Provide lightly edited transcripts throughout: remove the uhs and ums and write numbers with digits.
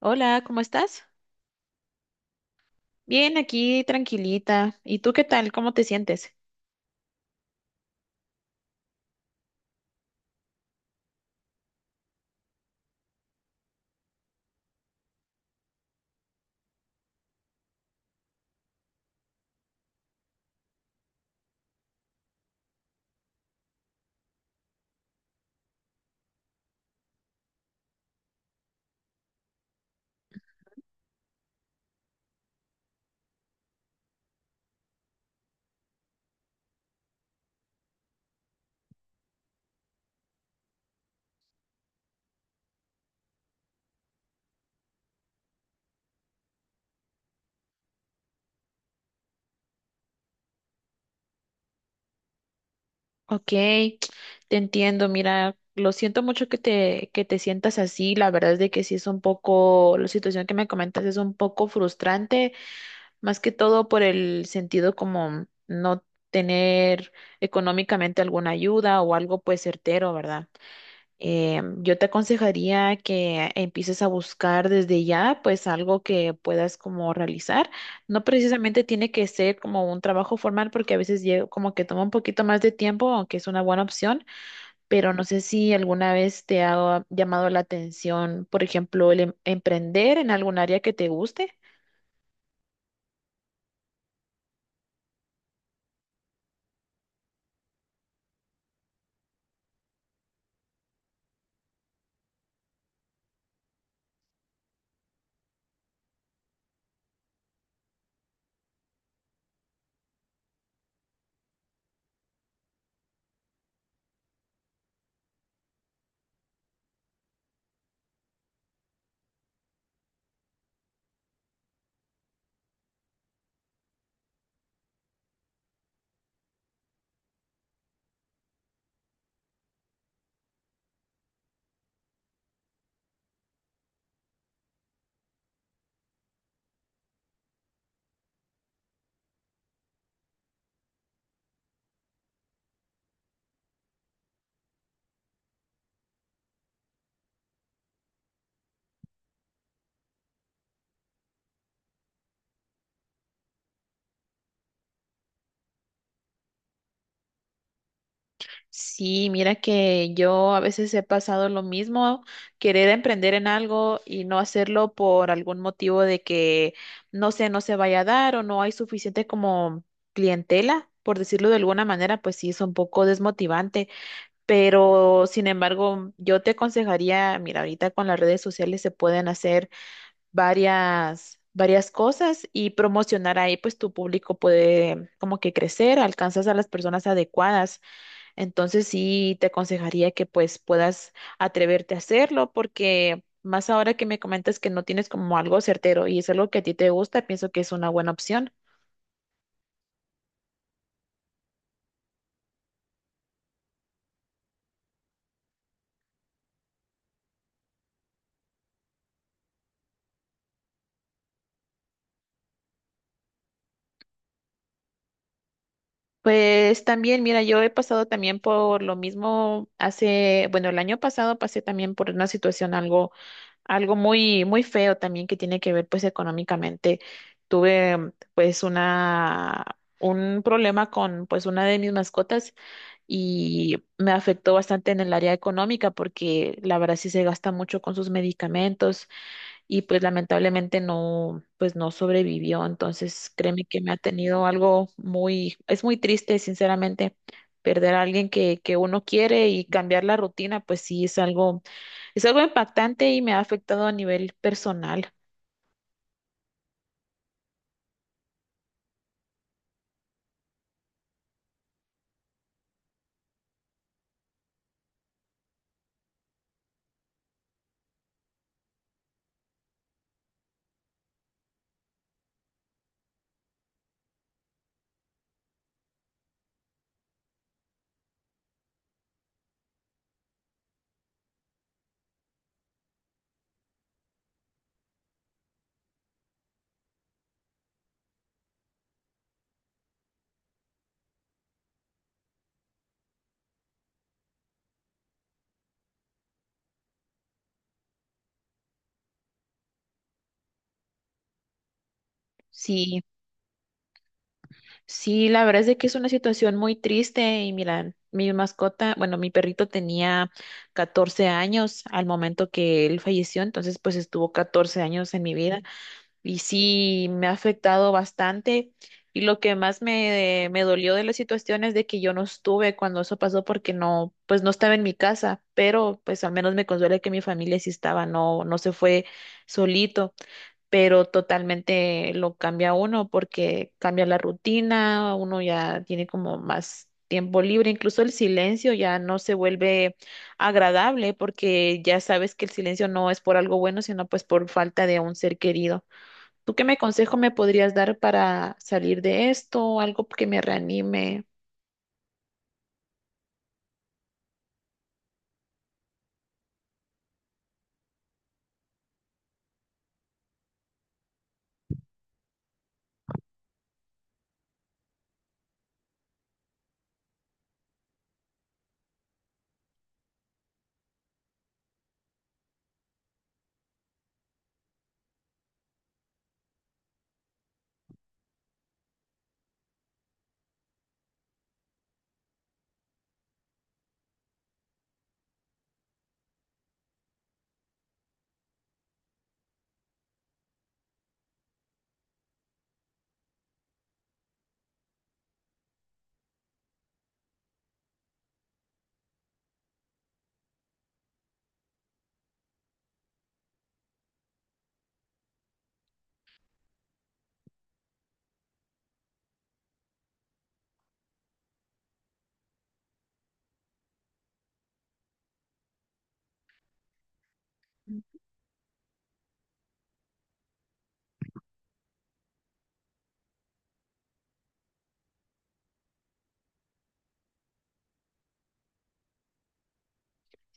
Hola, ¿cómo estás? Bien, aquí tranquilita. ¿Y tú qué tal? ¿Cómo te sientes? Ok, te entiendo. Mira, lo siento mucho que te sientas así. La verdad es de que sí es un poco, la situación que me comentas es un poco frustrante, más que todo por el sentido como no tener económicamente alguna ayuda o algo pues certero, ¿verdad? Yo te aconsejaría que empieces a buscar desde ya, pues algo que puedas como realizar. No precisamente tiene que ser como un trabajo formal, porque a veces como que toma un poquito más de tiempo, aunque es una buena opción, pero no sé si alguna vez te ha llamado la atención, por ejemplo, el emprender en algún área que te guste. Sí, mira que yo a veces he pasado lo mismo, querer emprender en algo y no hacerlo por algún motivo de que no sé, no se vaya a dar o no hay suficiente como clientela, por decirlo de alguna manera, pues sí es un poco desmotivante, pero sin embargo, yo te aconsejaría, mira, ahorita con las redes sociales se pueden hacer varias cosas y promocionar ahí, pues tu público puede como que crecer, alcanzas a las personas adecuadas. Entonces sí te aconsejaría que pues puedas atreverte a hacerlo porque más ahora que me comentas que no tienes como algo certero y es algo que a ti te gusta, pienso que es una buena opción. Pues también, mira, yo he pasado también por lo mismo hace, bueno, el año pasado pasé también por una situación algo, algo muy, muy feo también que tiene que ver pues económicamente. Tuve pues un problema con pues una de mis mascotas y me afectó bastante en el área económica porque la verdad sí se gasta mucho con sus medicamentos y pues lamentablemente no, pues no sobrevivió. Entonces créeme que me ha tenido algo muy, es muy triste, sinceramente. Perder a alguien que uno quiere y cambiar la rutina, pues sí es algo impactante y me ha afectado a nivel personal. Sí. Sí, la verdad es de que es una situación muy triste y mira, mi mascota, bueno, mi perrito tenía 14 años al momento que él falleció, entonces pues estuvo 14 años en mi vida y sí me ha afectado bastante y lo que más me dolió de la situación es de que yo no estuve cuando eso pasó porque no, pues no estaba en mi casa, pero pues al menos me consuela que mi familia sí estaba, no, no se fue solito, pero totalmente lo cambia uno porque cambia la rutina, uno ya tiene como más tiempo libre, incluso el silencio ya no se vuelve agradable porque ya sabes que el silencio no es por algo bueno, sino pues por falta de un ser querido. ¿Tú qué me consejo me podrías dar para salir de esto, algo que me reanime?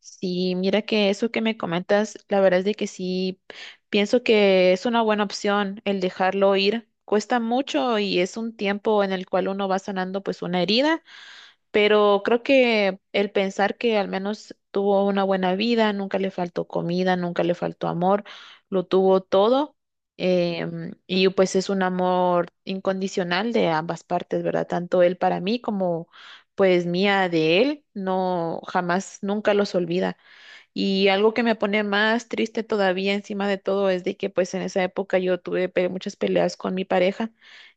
Sí, mira que eso que me comentas, la verdad es de que sí, pienso que es una buena opción el dejarlo ir. Cuesta mucho y es un tiempo en el cual uno va sanando pues una herida, pero creo que el pensar que al menos tuvo una buena vida, nunca le faltó comida, nunca le faltó amor, lo tuvo todo. Y pues es un amor incondicional de ambas partes, ¿verdad? Tanto él para mí como pues mía de él, no jamás, nunca los olvida. Y algo que me pone más triste todavía encima de todo es de que pues en esa época yo tuve muchas peleas con mi pareja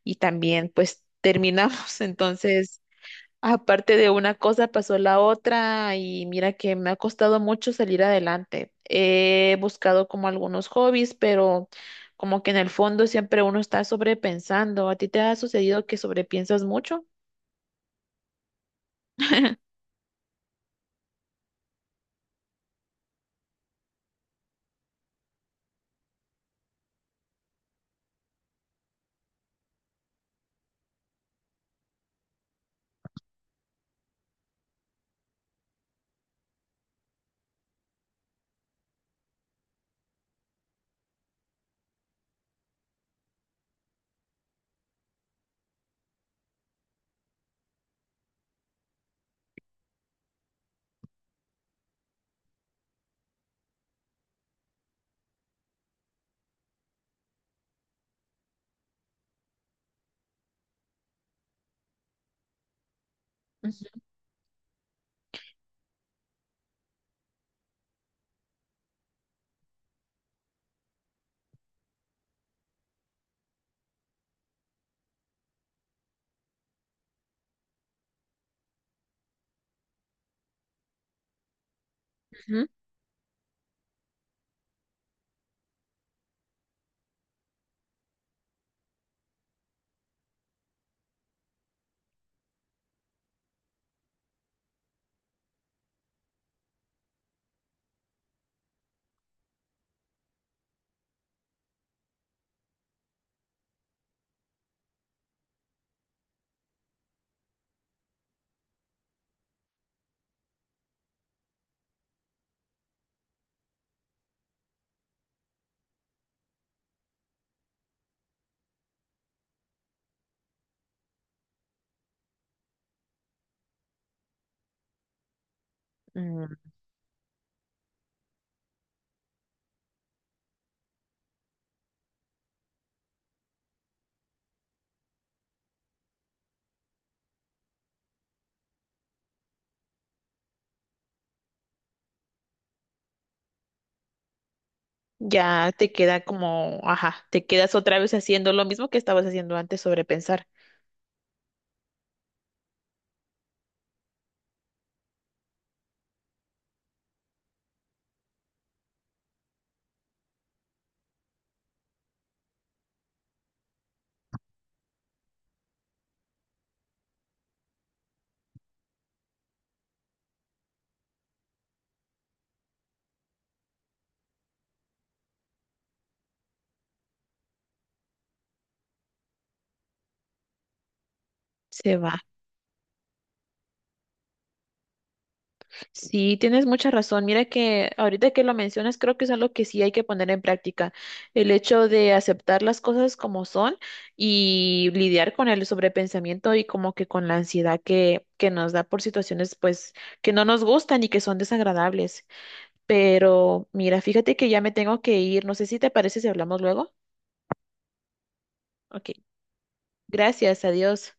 y también pues terminamos. Entonces, aparte de una cosa pasó la otra y mira que me ha costado mucho salir adelante. He buscado como algunos hobbies, pero como que en el fondo siempre uno está sobrepensando. ¿A ti te ha sucedido que sobrepiensas mucho? Ujú. Ya te queda como, ajá, te quedas otra vez haciendo lo mismo que estabas haciendo antes, sobrepensar. Se va. Sí, tienes mucha razón. Mira que ahorita que lo mencionas, creo que es algo que sí hay que poner en práctica. El hecho de aceptar las cosas como son y lidiar con el sobrepensamiento y como que con la ansiedad que nos da por situaciones pues que no nos gustan y que son desagradables. Pero mira, fíjate que ya me tengo que ir. No sé si te parece si hablamos luego. Ok, gracias, adiós.